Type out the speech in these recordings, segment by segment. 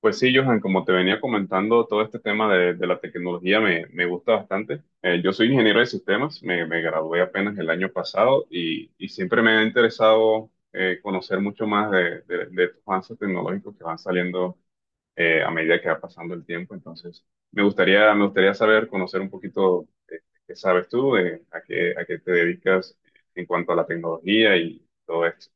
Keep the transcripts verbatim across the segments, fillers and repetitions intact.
Pues sí, Johan, como te venía comentando, todo este tema de, de la tecnología me, me gusta bastante. Eh, yo soy ingeniero de sistemas, me, me gradué apenas el año pasado y, y siempre me ha interesado eh, conocer mucho más de, de, de estos avances tecnológicos que van saliendo eh, a medida que va pasando el tiempo. Entonces, me gustaría, me gustaría saber, conocer un poquito eh, qué sabes tú, de a qué, a qué te dedicas en cuanto a la tecnología y todo esto.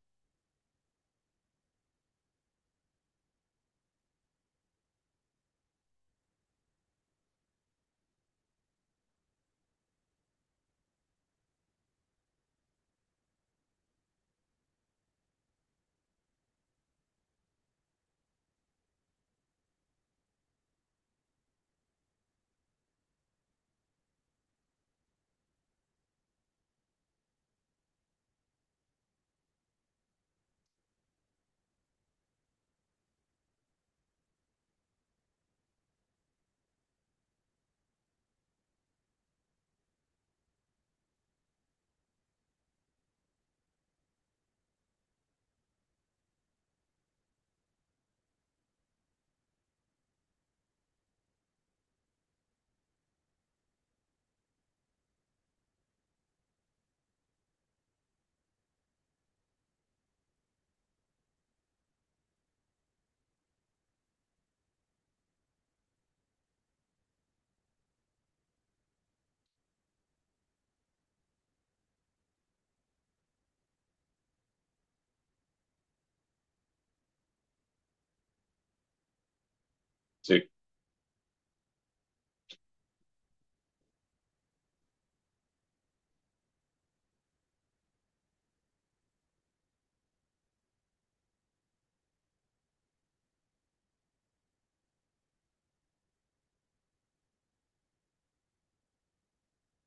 Sí.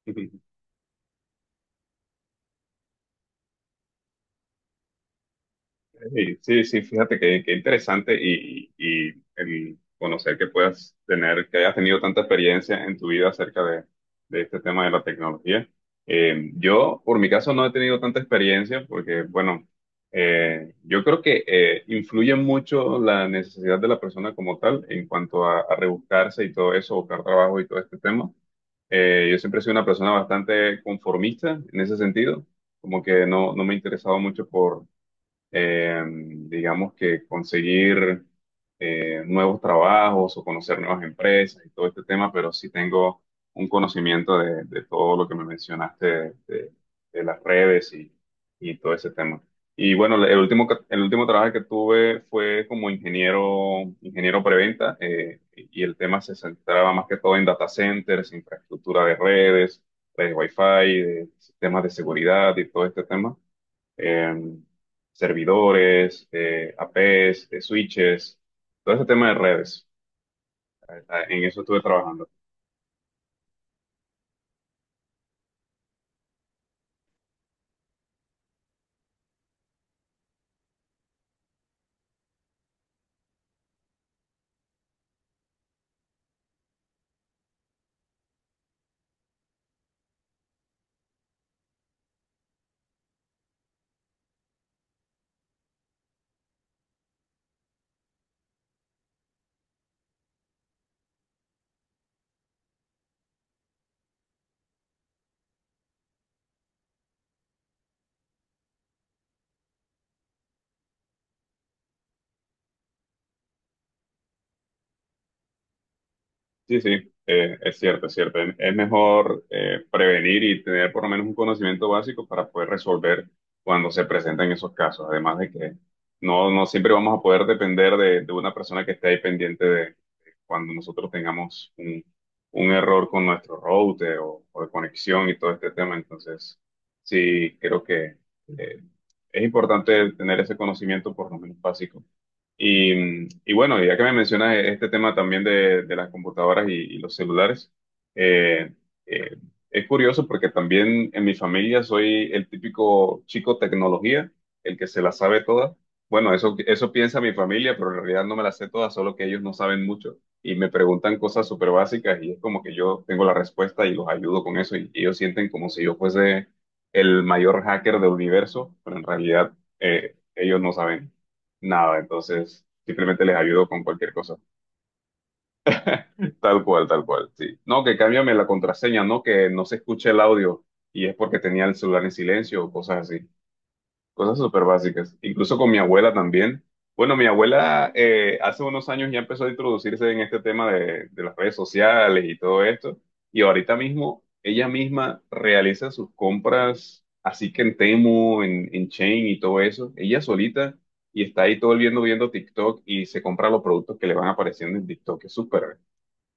Sí, sí, sí, fíjate que, que interesante y, y el conocer que puedas tener, que hayas tenido tanta experiencia en tu vida acerca de, de este tema de la tecnología. Eh, yo, por mi caso, no he tenido tanta experiencia porque, bueno, eh, yo creo que eh, influye mucho la necesidad de la persona como tal en cuanto a, a rebuscarse y todo eso, buscar trabajo y todo este tema. Eh, yo siempre he sido una persona bastante conformista en ese sentido, como que no, no me he interesado mucho eh, digamos que conseguir eh, nuevos trabajos o conocer nuevas empresas y todo este tema, pero sí tengo un conocimiento de, de todo lo que me mencionaste de, de- de las redes y, y todo ese tema. Y bueno, el último, ca- el último trabajo que tuve fue como ingeniero, ingeniero preventa, eh, y el tema se centraba más que todo en data centers, infraestructura de redes, redes Wi-Fi, de sistemas de seguridad y todo este tema, em, servidores, eh, A P es, eh, switches, todo ese tema de redes. Eh, En eso estuve trabajando. Sí, sí, eh, es cierto, es cierto. Es es mejor eh, prevenir y tener por lo menos un conocimiento básico para poder resolver cuando se presentan esos casos. Además de que no, no siempre vamos a poder depender de, de una persona que esté ahí pendiente de, de cuando nosotros tengamos un, un error con nuestro router o, o de conexión y todo este tema. Entonces, sí, creo que eh, es importante tener ese conocimiento por lo menos básico y, y bueno, ya que me mencionas este tema también de, de las computadoras y, y los celulares, eh, eh, es curioso porque también en mi familia soy el típico chico tecnología, el que se la sabe toda. Bueno, eso, eso piensa mi familia, pero en realidad no me la sé toda, solo que ellos no saben mucho y me preguntan cosas súper básicas y es como que yo tengo la respuesta y los ayudo con eso y ellos sienten como si yo fuese el mayor hacker del universo, pero en realidad eh, ellos no saben. Nada, entonces simplemente les ayudo con cualquier cosa. Tal cual, tal cual, sí. No, que cámbiame la contraseña, no que no se escuche el audio y es porque tenía el celular en silencio o cosas así. Cosas súper básicas. Incluso con mi abuela también. Bueno, mi abuela eh, hace unos años ya empezó a introducirse en este tema de, de las redes sociales y todo esto. Y ahorita mismo ella misma realiza sus compras, así que en Temu, en, en Chain y todo eso. Ella solita y está ahí todo el viendo, viendo TikTok y se compra los productos que le van apareciendo en TikTok. Es súper,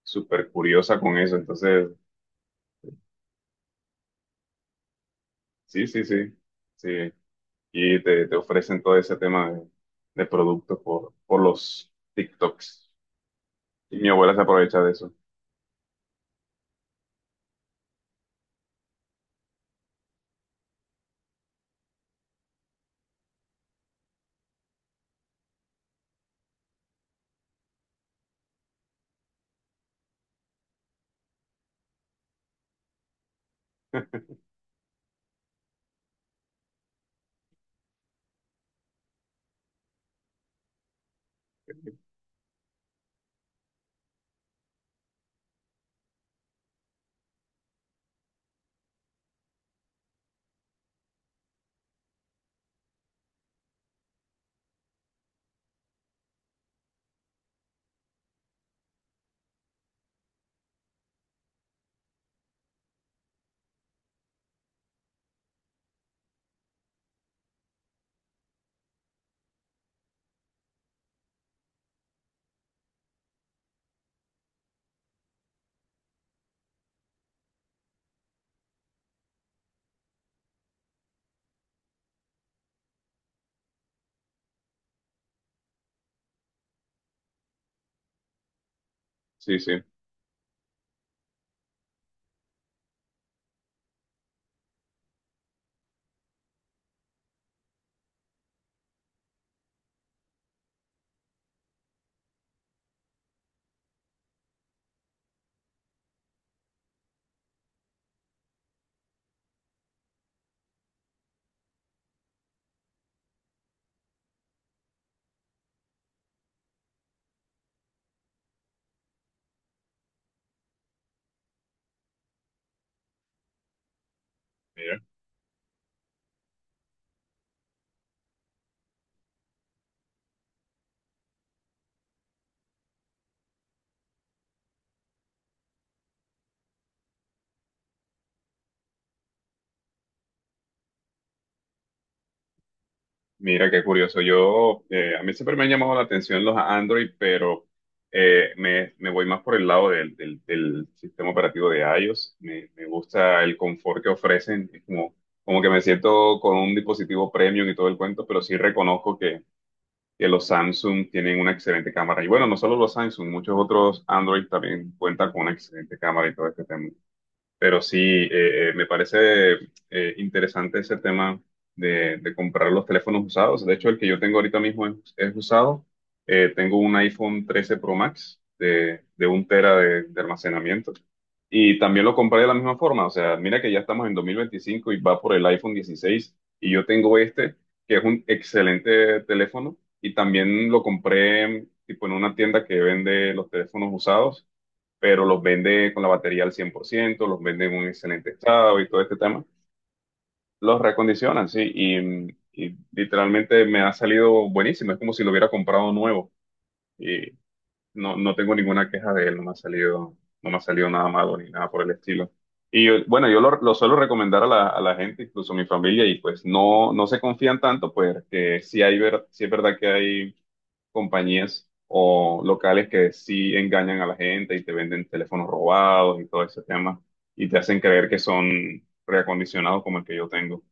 súper curiosa con eso. Entonces, sí, sí, sí. Sí. Y te, te ofrecen todo ese tema de, de productos por, por los TikToks. Y mi abuela se aprovecha de eso. Sí, sí. Mira. Mira, qué curioso. Yo, eh, a mí siempre me han llamado la atención los Android, pero eh, me, me voy más por el lado del, del, del sistema operativo de iOS. Me, me gusta el confort que ofrecen. Es como, como que me siento con un dispositivo premium y todo el cuento, pero sí reconozco que los Samsung tienen una excelente cámara. Y bueno, no solo los Samsung, muchos otros Android también cuentan con una excelente cámara y todo este tema. Pero sí, eh, eh, me parece eh, interesante ese tema de, de comprar los teléfonos usados. De hecho, el que yo tengo ahorita mismo es, es usado. Eh, tengo un iPhone trece Pro Max de, de un tera de, de almacenamiento. Y también lo compré de la misma forma. O sea, mira que ya estamos en dos mil veinticinco y va por el iPhone dieciséis. Y yo tengo este, que es un excelente teléfono. Y también lo compré tipo en una tienda que vende los teléfonos usados pero los vende con la batería al cien por ciento, los vende en un excelente estado y todo este tema. Los reacondicionan, sí, y, y literalmente me ha salido buenísimo. Es como si lo hubiera comprado nuevo y no, no tengo ninguna queja de él, no me ha salido, no me ha salido nada malo ni nada por el estilo. Y yo- bueno, yo lo, lo suelo recomendar a la, a la gente, incluso a mi familia, y pues no, no se confían tanto, pues que sí, hay ver, sí es verdad que hay compañías o locales que sí engañan a la gente y te venden teléfonos robados y todo ese tema y te hacen creer que son reacondicionados como el que yo tengo.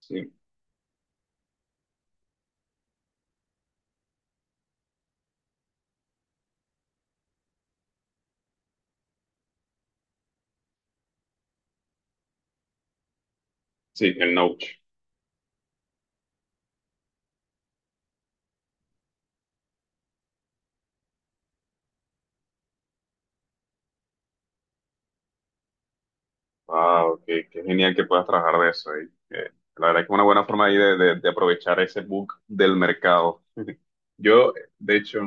Sí, sí, el Notch. Wow, qué, qué genial que puedas trabajar de eso. Eh. Eh, la verdad que es una buena forma ahí de, de- de aprovechar ese bug del mercado. Yo, de hecho,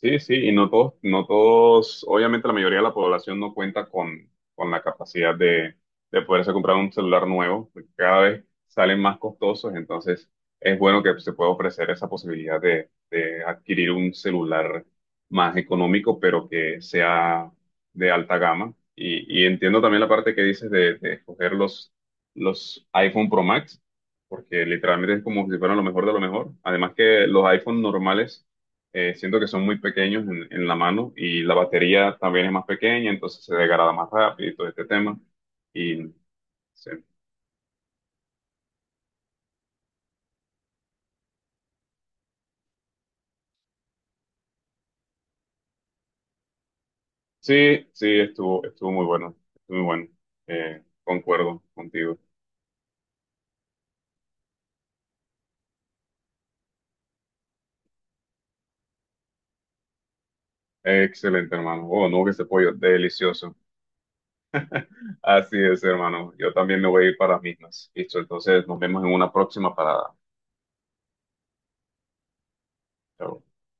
sí, sí, y no todos, no todos, obviamente la mayoría de la población no cuenta con, con la capacidad de, de poderse comprar un celular nuevo, porque cada vez salen más costosos, entonces es bueno que se pueda ofrecer esa posibilidad de, de adquirir un celular más económico, pero que sea de alta gama. Y, y entiendo también la parte que dices de, de escoger los, los iPhone Pro Max, porque literalmente es como si fueran lo mejor de lo mejor. Además que los iPhone normales eh, siento que son muy pequeños en, en la mano y la batería también es más pequeña, entonces se degrada más rápido y todo este tema. Y sí, sí, sí, estuvo, estuvo muy bueno, estuvo muy bueno. Eh, concuerdo contigo. Excelente, hermano. Oh, no, que ese pollo, delicioso. Así es, hermano. Yo también me voy a ir para las mismas. Listo, entonces nos vemos en una próxima parada. Chao.